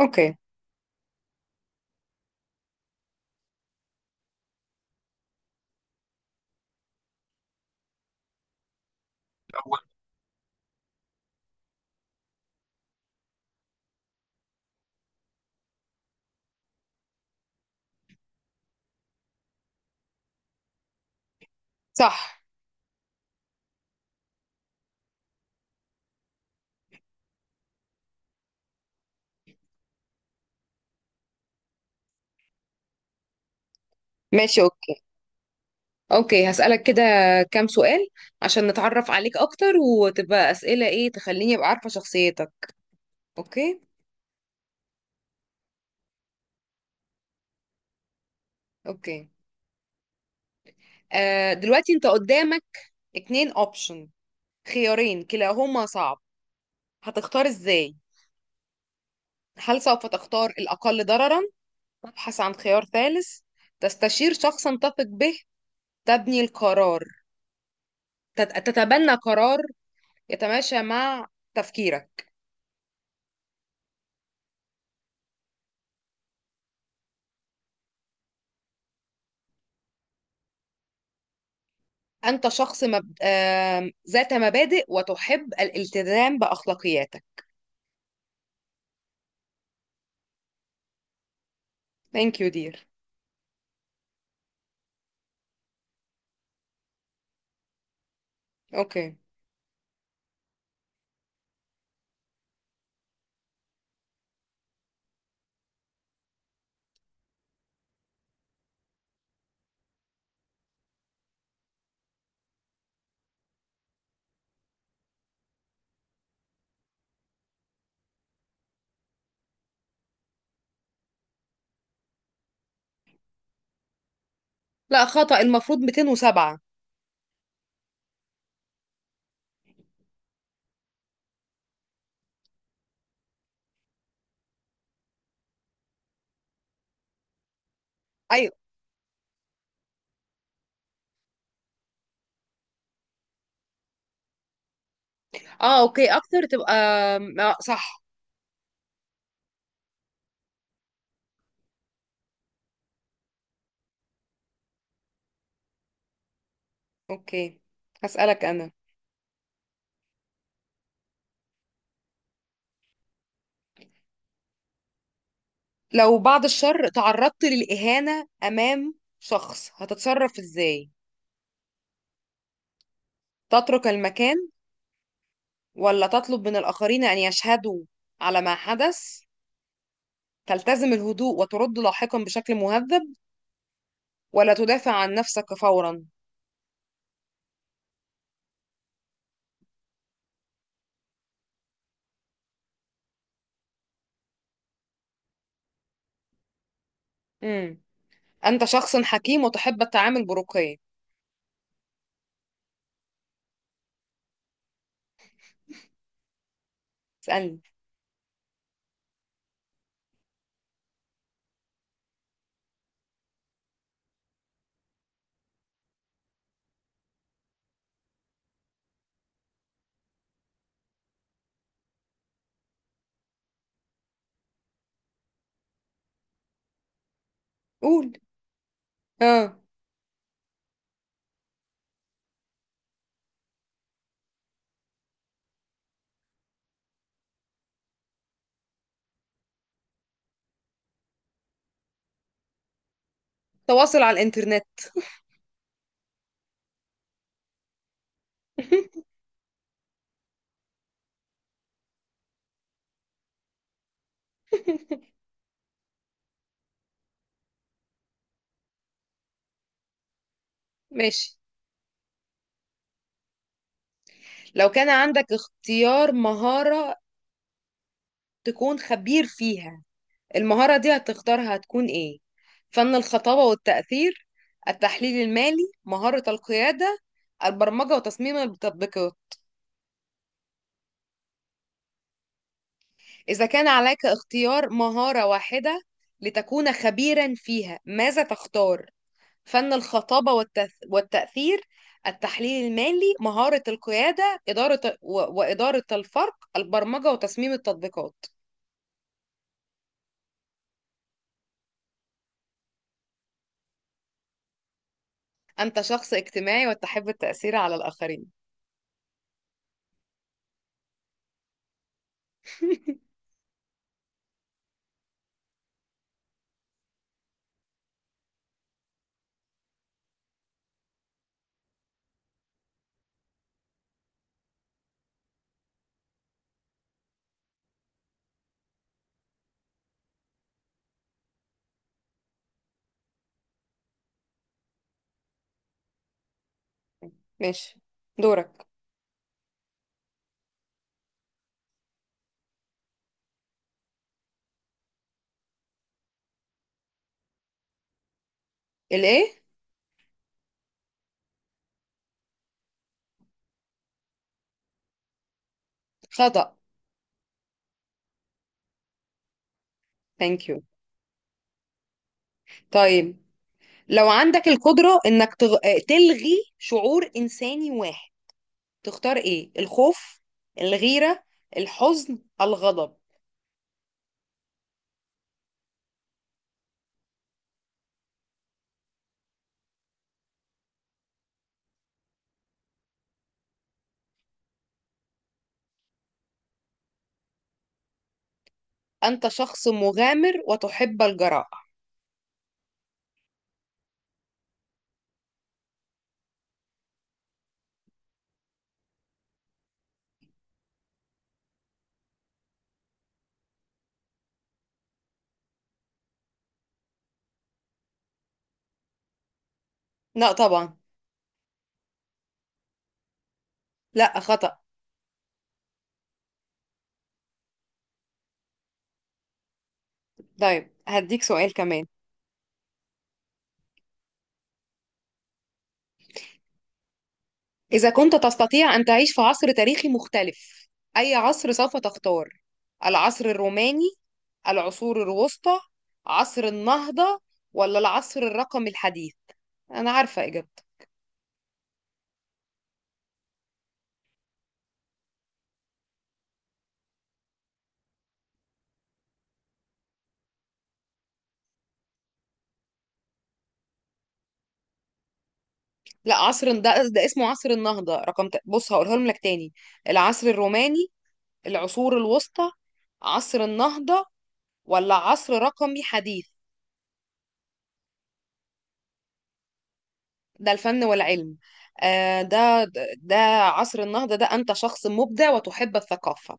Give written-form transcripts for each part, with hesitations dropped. اوكي. صح. ماشي، اوكي. اوكي، هسألك كده كام سؤال عشان نتعرف عليك اكتر، وتبقى اسئلة ايه تخليني ابقى عارفة شخصيتك. اوكي اوكي. دلوقتي انت قدامك اتنين اوبشن، خيارين كلاهما صعب. هتختار ازاي؟ هل سوف تختار الاقل ضررا، تبحث عن خيار ثالث، تستشير شخصا تثق به، تبني القرار، تتبنى قرار يتماشى مع تفكيرك. أنت شخص مب... آم، ذات مبادئ وتحب الالتزام بأخلاقياتك. thank you dear. أوكي. لا، خطأ، المفروض 207. أيوة. أه، أوكي، أكتر تبقى. آه، صح. أوكي، هسألك أنا. لو بعد الشر تعرضت للإهانة أمام شخص هتتصرف إزاي؟ تترك المكان، ولا تطلب من الآخرين أن يشهدوا على ما حدث، تلتزم الهدوء وترد لاحقا بشكل مهذب، ولا تدافع عن نفسك فورا؟ مم. أنت شخص حكيم وتحب التعامل برقي. اسألني. قول. اه. تواصل على الإنترنت. ماشي. لو كان عندك اختيار مهارة تكون خبير فيها، المهارة دي هتختارها هتكون إيه؟ فن الخطابة والتأثير، التحليل المالي، مهارة القيادة، البرمجة وتصميم التطبيقات. إذا كان عليك اختيار مهارة واحدة لتكون خبيرا فيها، ماذا تختار؟ فن الخطابة والتأثير، التحليل المالي، مهارة القيادة، وإدارة الفرق، البرمجة وتصميم التطبيقات. أنت شخص اجتماعي وتحب التأثير على الآخرين. ماشي، دورك. الإيه؟ خطأ. thank you. طيب، لو عندك القدرة إنك تلغي شعور إنساني واحد، تختار إيه؟ الخوف، الغيرة، الحزن، الغضب؟ أنت شخص مغامر وتحب الجراءة. لا طبعا. لا، خطأ. طيب هديك سؤال كمان. إذا كنت تستطيع أن تعيش في عصر تاريخي مختلف، أي عصر سوف تختار؟ العصر الروماني، العصور الوسطى، عصر النهضة، ولا العصر الرقمي الحديث؟ أنا عارفة إجابته. لا، عصر ده, ده اسمه عصر النهضة. بص هقولها لك تاني. العصر الروماني، العصور الوسطى، عصر النهضة، ولا عصر رقمي حديث. ده الفن والعلم. آه، ده ده عصر النهضة. ده أنت شخص مبدع وتحب الثقافة.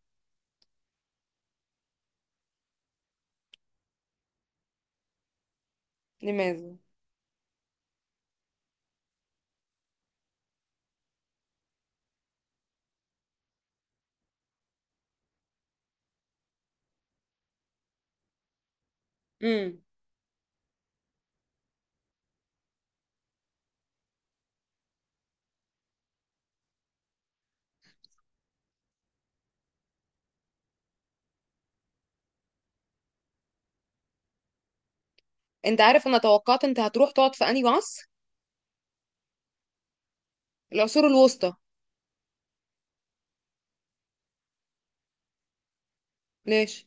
لماذا؟ امم. أنت عارف أنا توقعت أنت هتروح تقعد في أنهي عصر؟ العصور الوسطى. ليش؟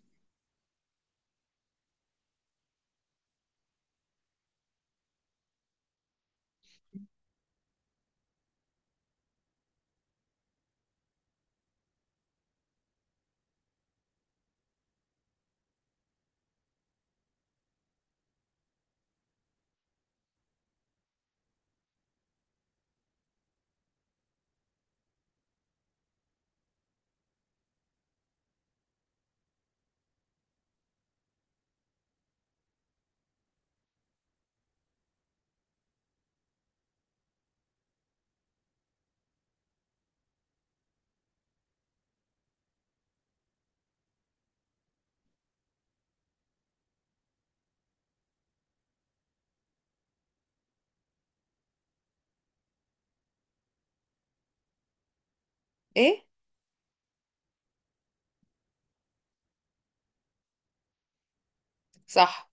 إيه؟ صح.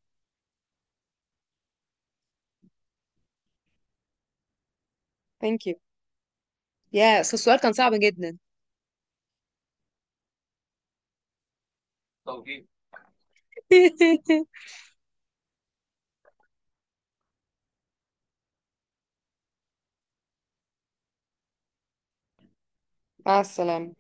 ثانك يو، يا السؤال كان صعب جدا. مع السلامة.